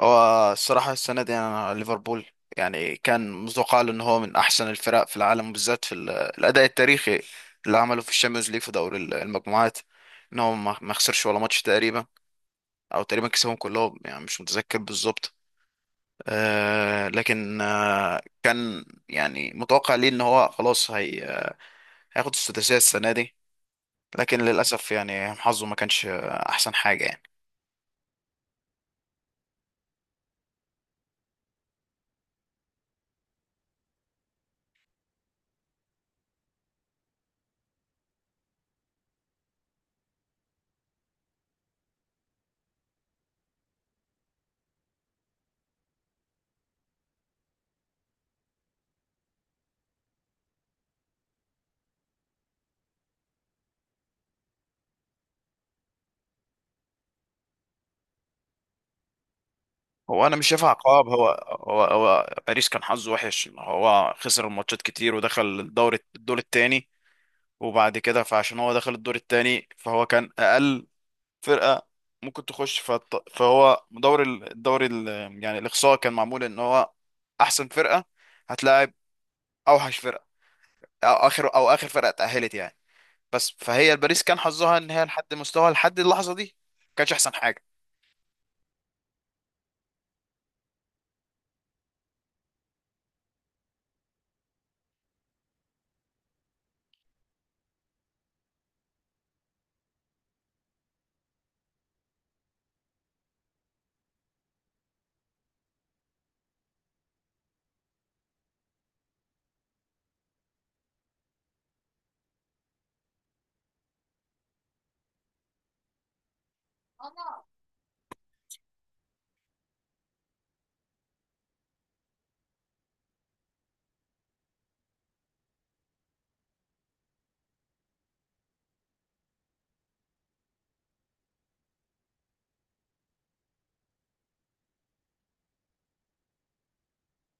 هو الصراحة السنة دي أنا ليفربول، يعني كان متوقع له إن هو من أحسن الفرق في العالم، بالذات في الأداء التاريخي اللي عمله في الشامبيونز ليج في دوري المجموعات، إن هو ما خسرش ولا ماتش تقريبا، أو تقريبا كسبهم كلهم، يعني مش متذكر بالظبط. لكن كان يعني متوقع ليه إن هو خلاص هياخد السداسية السنة دي، لكن للأسف يعني حظه ما كانش أحسن حاجة يعني. هو انا مش شايفها عقاب. هو باريس كان حظه وحش، هو خسر الماتشات كتير ودخل الدور التاني، وبعد كده فعشان هو دخل الدور التاني فهو كان اقل فرقة ممكن تخش فهو دور يعني الاقصاء كان معمول ان هو احسن فرقة هتلاعب اوحش فرقة، او اخر فرقة اتأهلت يعني. بس فهي الباريس كان حظها ان هي لحد مستوى، لحد اللحظة دي ما كانش احسن حاجة.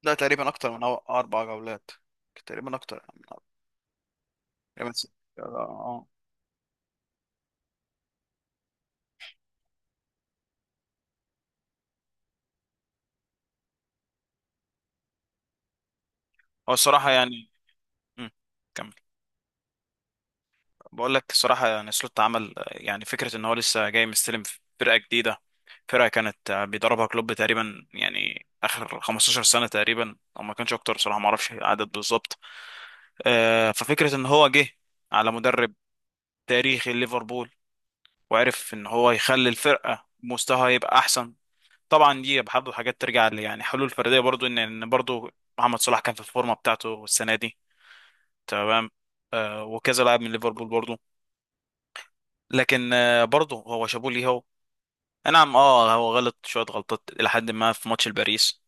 ده تقريبا اكتر من 4 جولات، تقريبا اكتر. يا بس- اه. هو الصراحة يعني. مم. كمل. بقول لك الصراحة يعني سلوت عمل يعني فكرة ان هو لسه جاي مستلم فرقة جديدة، فرقة كانت بيدربها كلوب تقريبا يعني اخر 15 سنة تقريبا، او ما كانش اكتر، صراحة ما اعرفش العدد بالظبط. ففكرة ان هو جه على مدرب تاريخي ليفربول، وعرف ان هو يخلي الفرقة مستواها يبقى احسن. طبعا دي برضه حاجات ترجع ل يعني حلول فردية، برضه ان إن برضه محمد صلاح كان في الفورمة بتاعته السنة دي، تمام، وكذا لاعب من ليفربول برضو. لكن برضو هو شابوه ليه. هو أي نعم، هو غلط شويه غلطات الى حد ما في ماتش الباريس،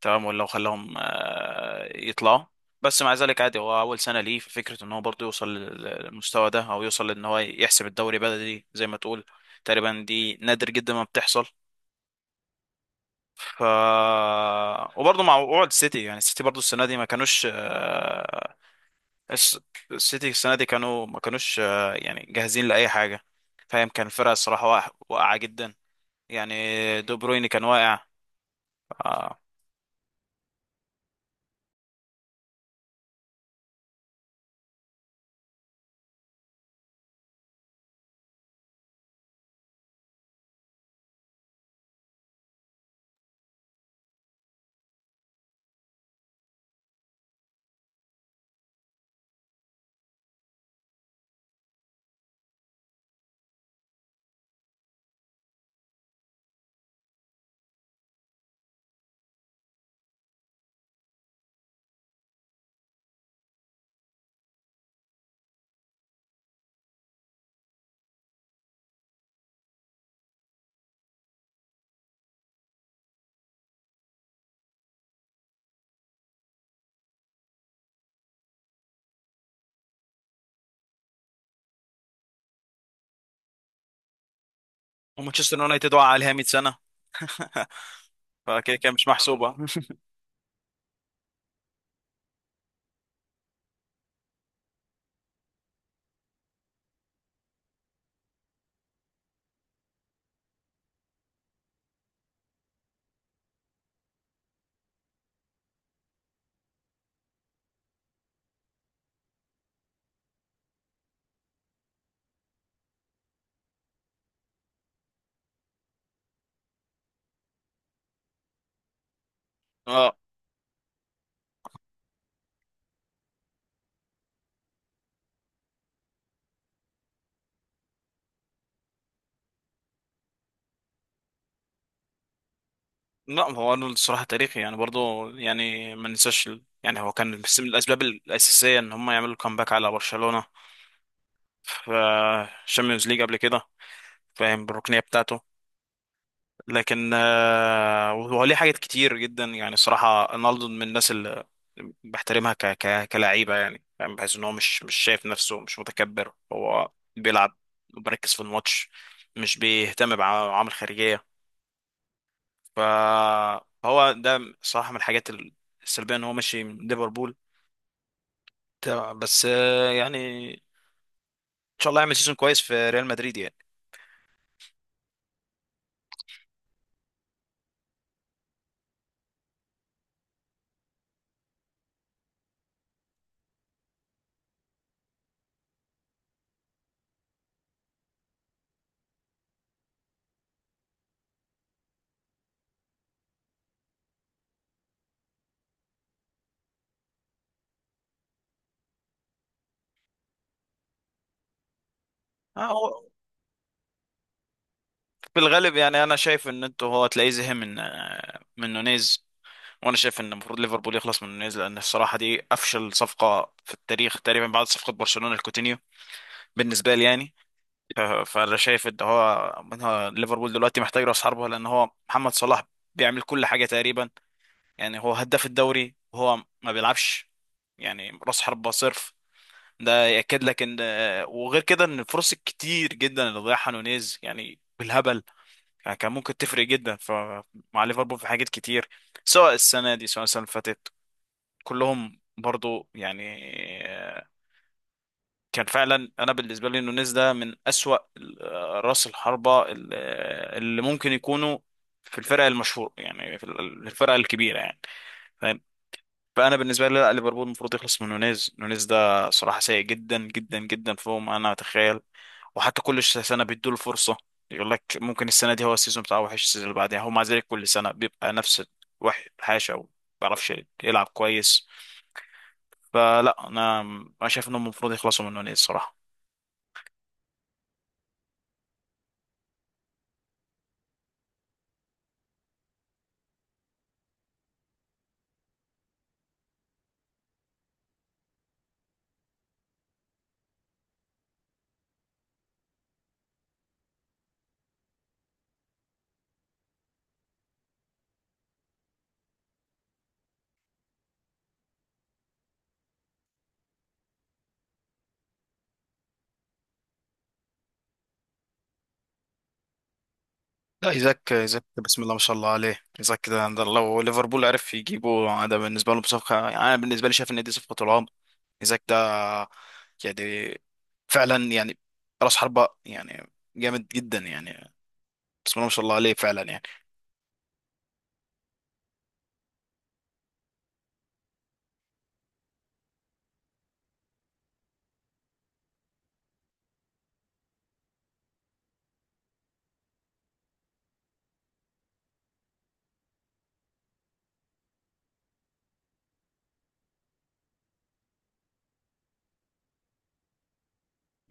تمام، ولا خلاهم يطلعوا. بس مع ذلك عادي هو اول سنه ليه، ففكره ان هو برضو يوصل للمستوى ده، او يوصل ان هو يحسب الدوري بدري زي ما تقول، تقريبا دي نادر جدا ما بتحصل. ف، وبرضه مع وقوع السيتي، يعني السيتي برضه السنه دي ما كانوش الس- السيتي السنة دي كانوا ما كانوش يعني جاهزين لأي حاجة، فاهم. كان الفرقة الصراحة واقعة جدا يعني، دو برويني كان واقع. آه، ومانشستر يونايتد وقع عليها 100 سنة. فكده كده مش محسوبة. اه آه، لا هو ارنولد الصراحة تاريخي، يعني برضو يعني ما ننساش يعني هو كان بس من الأسباب الأساسية إن هم يعملوا كامباك على برشلونة في الشامبيونز ليج قبل كده، فاهم، بالركنية بتاعته. لكن وهو ليه حاجات كتير جدا، يعني الصراحة رونالدو من الناس اللي بحترمها ك ك كلاعيبة، يعني بحيث ان هو مش شايف نفسه، مش متكبر. هو بيلعب وبركز في الماتش، مش بيهتم بعوامل خارجية، ف- فهو ده صراحة من الحاجات السلبية ان هو ماشي من ليفربول، تمام، بس يعني ان شاء الله يعمل سيزون كويس في ريال مدريد يعني. هو في الغالب، يعني انا شايف ان انتوا، هو تلاقيه زهق من من نونيز، وانا شايف ان المفروض ليفربول يخلص من نونيز، لان الصراحه دي افشل صفقه في التاريخ تقريبا بعد صفقه برشلونه لكوتينيو، بالنسبه لي يعني. فانا شايف ان هو، إن هو ليفربول دلوقتي محتاج راس حربه، لان هو محمد صلاح بيعمل كل حاجه تقريبا، يعني هو هداف الدوري وهو ما بيلعبش يعني راس حربه صرف، ده ياكد لك ان، وغير كده ان الفرص الكتير جدا اللي ضيعها نونيز يعني بالهبل، يعني كان ممكن تفرق جدا. فمع ليفربول في حاجات كتير سواء السنه دي سواء السنه اللي فاتت، كلهم برضو يعني، آه، كان فعلا. انا بالنسبه لي نونيز ده من اسوأ راس الحربه اللي ممكن يكونوا في الفرق المشهور، يعني في الفرق الكبيره يعني، فاهم. فانا بالنسبه لي لا، ليفربول المفروض يخلص من نونيز. نونيز ده صراحه سيء جدا جدا جدا فوق ما انا اتخيل. وحتى كل سنه بيدوا له فرصه، يقول لك ممكن السنه دي هو السيزون بتاعه وحش، السيزون اللي بعدها هو مع ذلك كل سنه بيبقى نفس الوحش الحاشا، وما بيعرفش يلعب كويس. فلا، انا شايف انهم المفروض يخلصوا من نونيز الصراحه. لا، ايزاك، ايزاك بسم الله ما شاء الله عليه. ايزاك ده لو ليفربول عرف يجيبه، ده بالنسبه له بصفقه، يعني انا بالنسبه لي شايف ان دي صفقه العام. ايزاك ده يعني فعلا يعني راس حربه يعني جامد جدا يعني، بسم الله ما شاء الله عليه، فعلا يعني.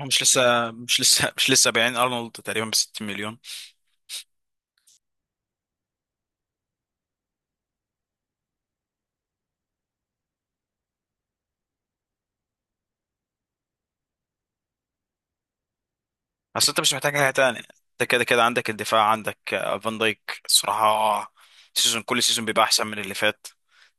هو مش لسه بايعين ارنولد تقريبا ب 60 مليون؟ اصل انت مش محتاج حاجه تانية، انت كده كده عندك الدفاع، عندك فان دايك الصراحه، سيزون كل سيزون بيبقى احسن من اللي فات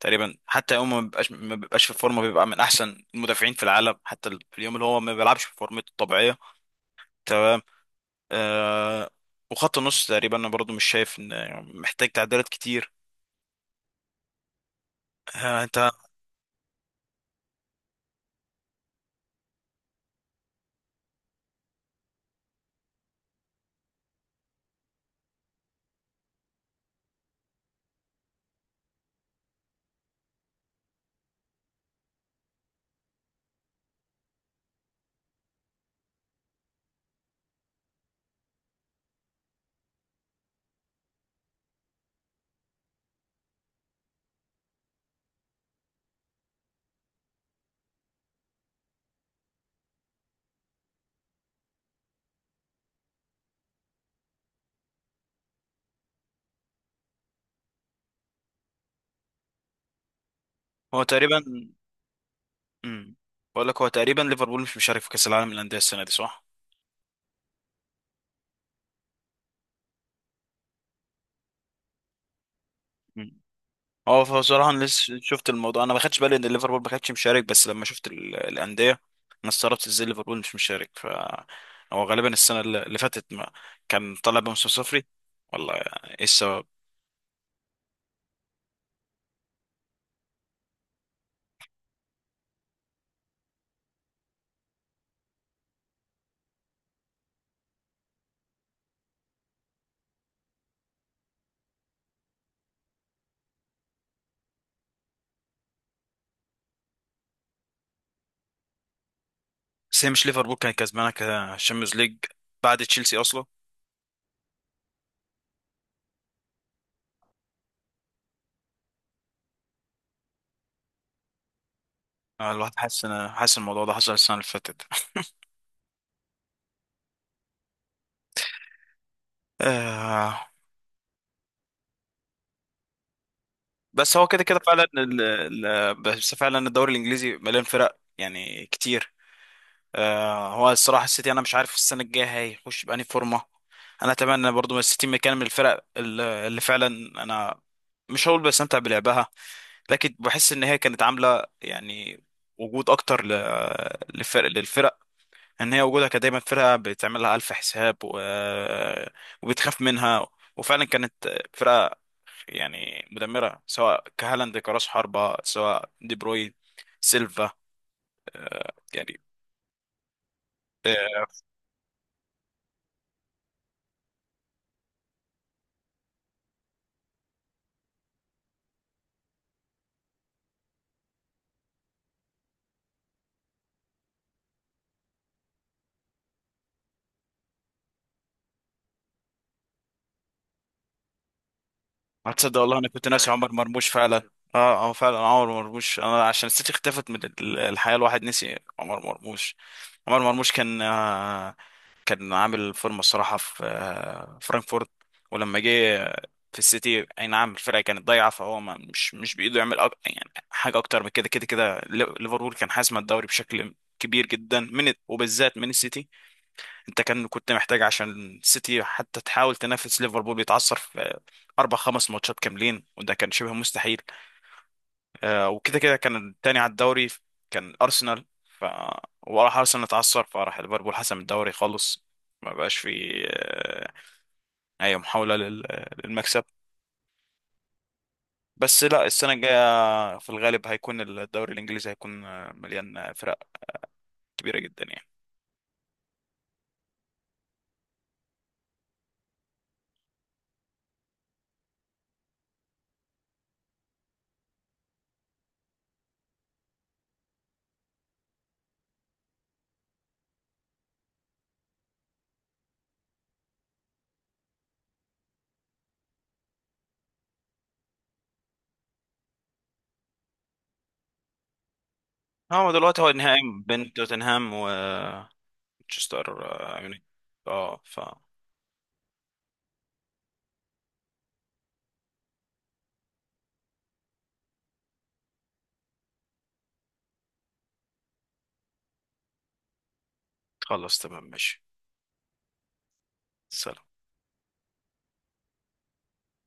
تقريبا، حتى يوم ما بيبقاش في فورمه بيبقى من احسن المدافعين في العالم، حتى في اليوم اللي هو ما بيلعبش في فورمته الطبيعيه، تمام. آه وخط النص تقريبا انا برضو مش شايف ان محتاج تعديلات كتير. انت، هو تقريبا. مم. بقول لك هو تقريبا ليفربول مش مشارك في كاس العالم للانديه السنه دي، صح؟ اه فصراحة انا لسه شفت الموضوع، انا ما خدتش بالي ان ليفربول ما كانتش مشارك، بس لما شفت الاندية انا استغربت ازاي ليفربول مش مشارك، هو غالبا السنة اللي فاتت ما كان طالع بموسم صفري. والله ايه السبب؟ بس هي مش ليفربول كانت كسبانة كشامبيونز ليج بعد تشيلسي اصلا؟ الواحد حاسس الموضوع ده حصل السنة اللي فاتت. آه، بس هو كده كده فعلا بس فعلا الدوري الانجليزي مليان فرق يعني كتير. هو الصراحة السيتي أنا مش عارف السنة الجاية هيخش بأنهي فورمة. أنا أتمنى برضو من السيتي، مكان من الفرق اللي فعلا، أنا مش هقول بستمتع بلعبها، لكن بحس إن هي كانت عاملة يعني وجود أكتر للفرق، إن هي وجودها كان دايما فرقة بتعملها ألف حساب، وبتخاف منها، وفعلا كانت فرقة يعني مدمرة، سواء كهالاند كراس حربة سواء دي بروين، سيلفا، يعني آه، هتصدق والله انا كنت ناسي عمر مرموش فعلا. اه فعلا عمر مرموش، انا عشان السيتي اختفت من الحياه الواحد نسي عمر مرموش. عمر مرموش كان كان عامل فورمه الصراحه في فرانكفورت. ولما جه في السيتي، اي نعم الفرقه كانت ضايعه، فهو ما مش مش بايده يعمل يعني حاجه اكتر من كده. كده كده ليفربول كان حاسم الدوري بشكل كبير جدا، من وبالذات من السيتي، انت كنت محتاج عشان السيتي حتى تحاول تنافس، ليفربول بيتعثر في 4 أو 5 ماتشات كاملين، وده كان شبه مستحيل. وكده كده كان التاني على الدوري كان ارسنال، وراح ارسنال اتعثر، فراح ليفربول حسم الدوري خالص، ما بقاش في آه، اي محاولة للمكسب. بس لا السنة الجاية في الغالب هيكون الدوري الانجليزي، هيكون مليان فرق كبيرة جدا يعني. هو دلوقتي هو النهائي بين توتنهام ومانشستر يونايتد. اه ف خلاص تمام ماشي. سلام.